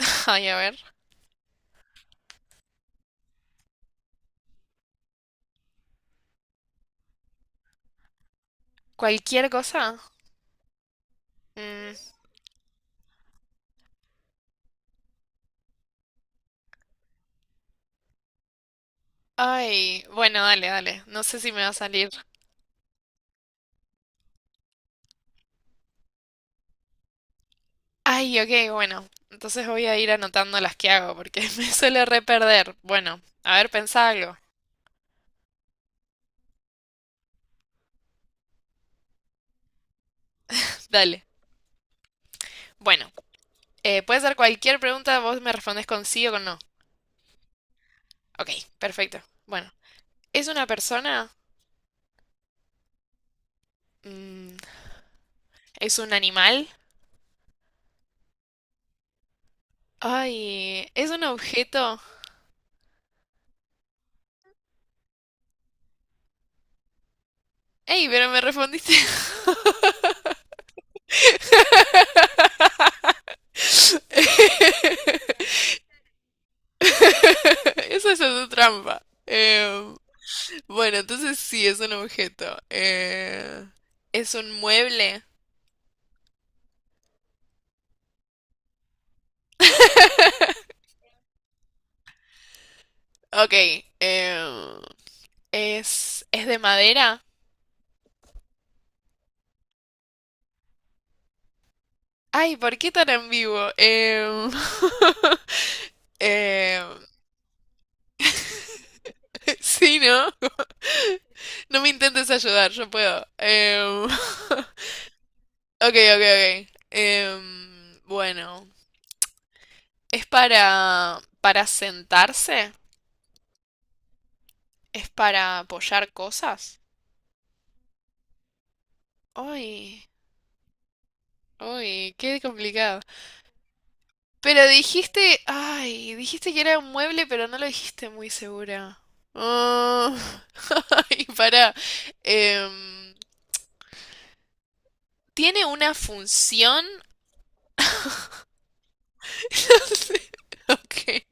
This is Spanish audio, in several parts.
Ay, a ver. ¿Cualquier cosa? Mm, ay, bueno, dale, dale. No sé si me va a salir. Ay, ok, bueno. Entonces voy a ir anotando las que hago porque me suelo re perder. Bueno, a ver, pensá algo. Dale. Bueno, puede ser cualquier pregunta, vos me respondes con sí o con no. Ok, perfecto. Bueno, ¿es una persona? Mm, ¿es un animal? Ay, ¿es un objeto? Ey, pero me respondiste. Eso es su trampa. Bueno, entonces sí, es un objeto. Es un mueble. Ok, em, es de madera. Ay, ¿por qué tan ambiguo? Em, sí, ¿no? No me intentes ayudar, yo puedo. Em, ok, ok, ok. Em, bueno, ¿es para sentarse? ¿Es para apoyar cosas? Uy, uy, qué complicado. Pero dijiste, ay, dijiste que era un mueble, pero no lo dijiste muy segura. Ah, ay, pará. Em, ¿Tiene una función? No. Ok.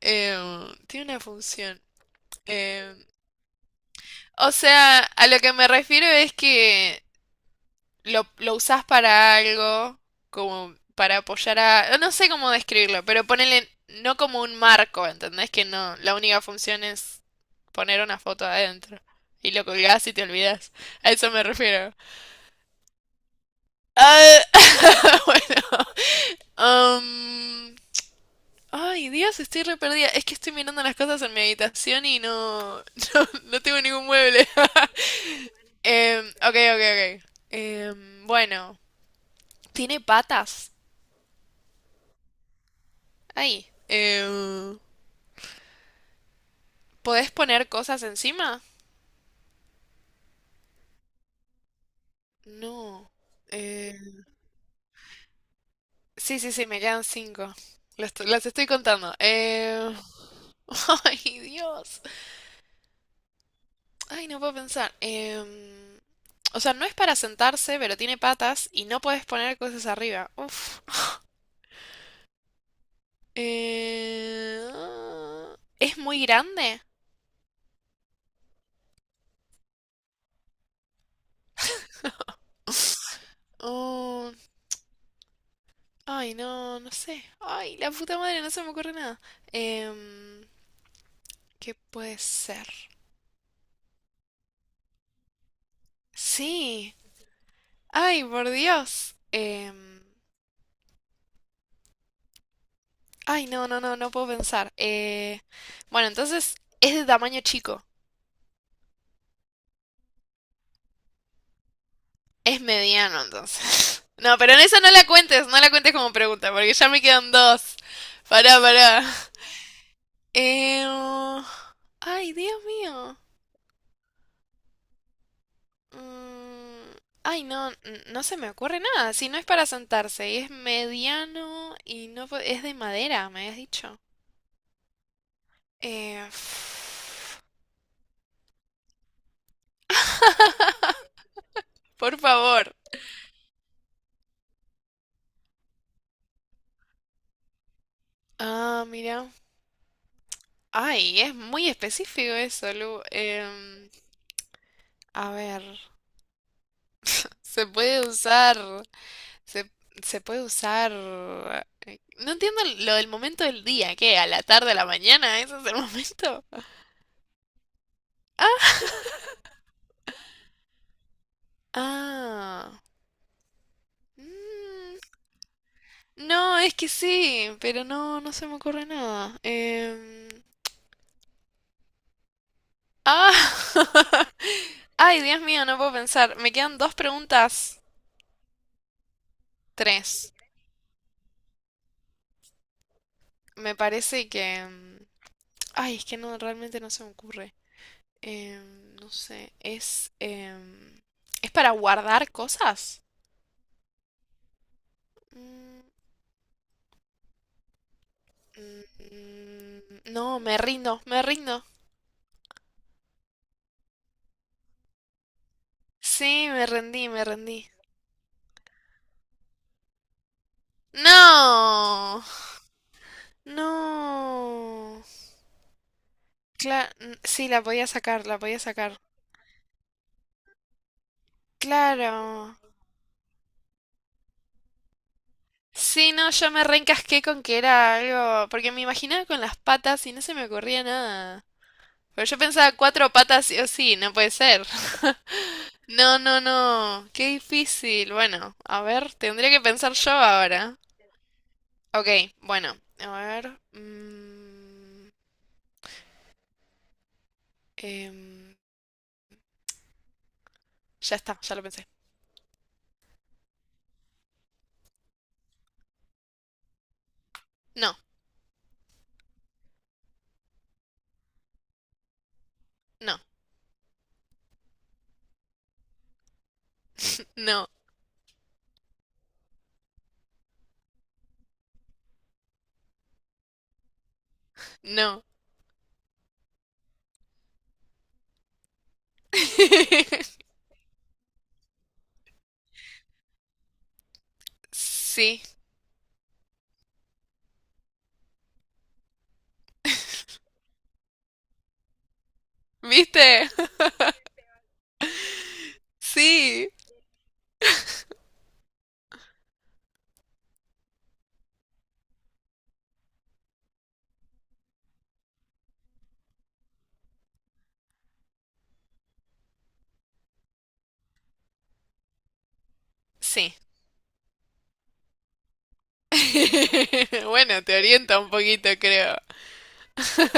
Em, tiene una función. Em, o sea, a lo que me refiero es que lo usás para algo, como para apoyar a... No, no sé cómo describirlo, pero ponele no como un marco, ¿entendés? Que no, la única función es poner una foto adentro. Y lo colgás y te olvidás. A eso me refiero. Ah, bueno. Ay, Dios, estoy re perdida. Es que estoy mirando las cosas en mi habitación y no, no, no tengo ningún mueble. Em, ok, ok, ok. Em, bueno, ¿tiene patas? Ahí. ¿Podés poner cosas encima? No. Eh, sí, sí, sí, me quedan cinco. Las, las estoy contando. Ay, Dios. Ay, no puedo pensar. O sea, no es para sentarse, pero tiene patas y no puedes poner cosas arriba. Uf. Ah, ¿es muy grande? Oh, ay, no, no sé. Ay, la puta madre, no se me ocurre nada. Em, ¿Qué puede ser? Sí. Ay, por Dios. Em, ay, no, no, no, no puedo pensar. Bueno, entonces es de tamaño chico. Es mediano, entonces. No, pero en eso no la cuentes, no la cuentes como pregunta, porque ya me quedan dos. Pará, pará. Em, ay, Dios mío. Mm, ay, no, no se me ocurre nada. Si no es para sentarse y es mediano y no es de madera, me habías dicho. Eh, por favor. Ah, mira. Ay, es muy específico eso, Lu. A ver, se puede usar, se, se puede usar. No entiendo lo del momento del día, ¿qué? ¿A la tarde, a la mañana? ¿Ese es el momento? Ah, ah, mm, no, es que sí, pero no, no se me ocurre nada. Ah, ay, Dios mío, no puedo pensar. Me quedan dos preguntas, tres. Me parece que... ay, es que no, realmente no se me ocurre. Em, no sé, ¿es para guardar cosas? Mm, mm, mm, no, me rindo, me rindo. Sí, me rendí, me rendí. No, no. Claro, sí, la podía sacar, la podía sacar. Claro. Sí, no, yo me reencasqué con que era algo, porque me imaginaba con las patas y no se me ocurría nada. Pero yo pensaba cuatro patas sí o sí, no puede ser. No, no, no. Qué difícil. Bueno, a ver, tendría que pensar yo ahora. Ok, bueno, a ver. Em, ya está, ya lo pensé. No, no, no, no. Sí. ¿Viste? Sí. Sí. Bueno, te orienta un poquito, creo.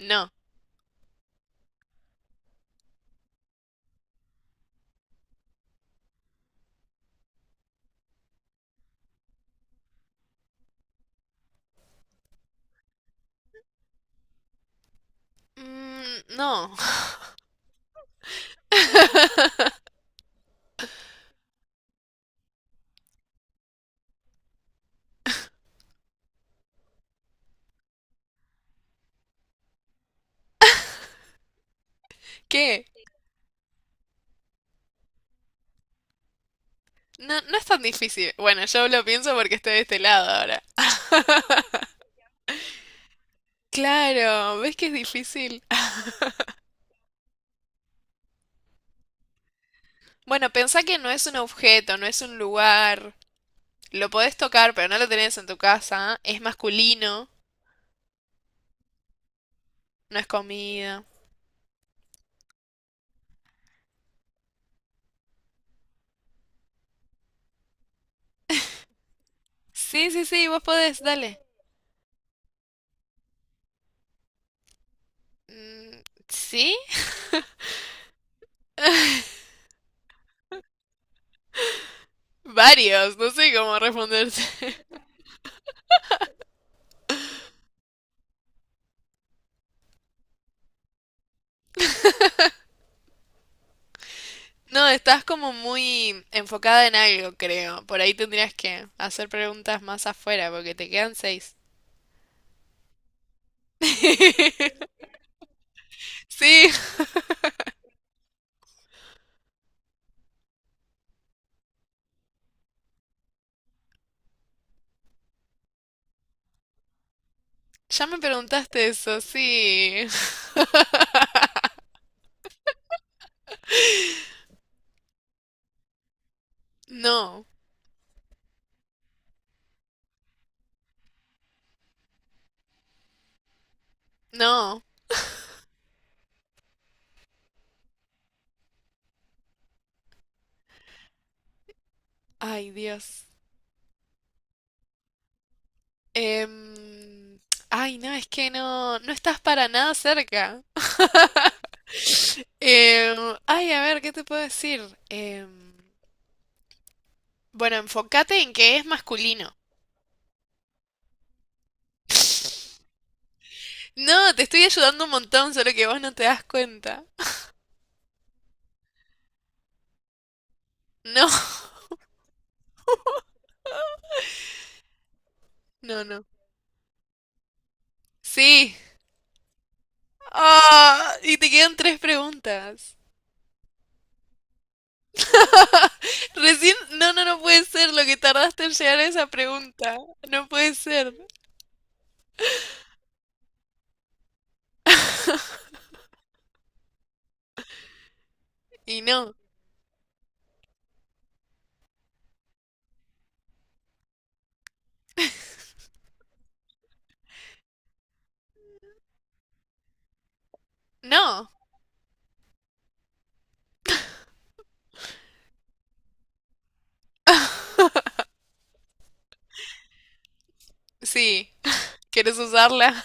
No. Mm, no. ¿Qué? No, no es tan difícil. Bueno, yo lo pienso porque estoy de este lado ahora. Claro, ¿ves que es difícil? Bueno, pensá que no es un objeto, no es un lugar. Lo podés tocar, pero no lo tenés en tu casa. Es masculino, no es comida. Sí, sí, sí, vos podés, dale. Mm, ¿sí? Varios, no sé cómo responderte. No, estás como muy enfocada en algo, creo. Por ahí tendrías que hacer preguntas más afuera, porque te quedan seis. Sí, ya me preguntaste eso, sí. No, no. Ay, Dios. Em, ay, no, es que no, no estás para nada cerca. Em, ay, a ver, ¿qué te puedo decir? Em, bueno, enfócate en que es masculino. No, te estoy ayudando un montón, solo que vos no te das cuenta. No, no, no. Sí. Ah, y te quedan tres preguntas. Recién, no, no, no puede ser lo que tardaste en llegar a esa pregunta. No puede ser. Y no, no. Sí, ¿quieres usarla?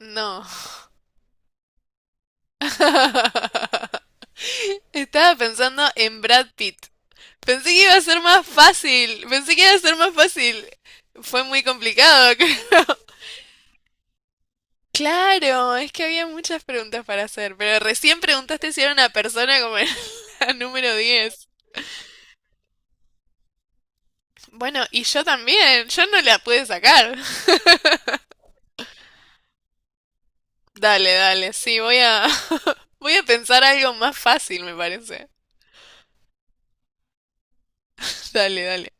No. Estaba pensando en Brad Pitt. Pensé que iba a ser más fácil. Pensé que iba a ser más fácil. Fue muy complicado, creo. Claro, es que había muchas preguntas para hacer, pero recién preguntaste si era una persona como en la número 10. Bueno, y yo también, yo no la pude sacar. Dale, dale, sí, voy a voy a pensar algo más fácil, me parece. Dale, dale.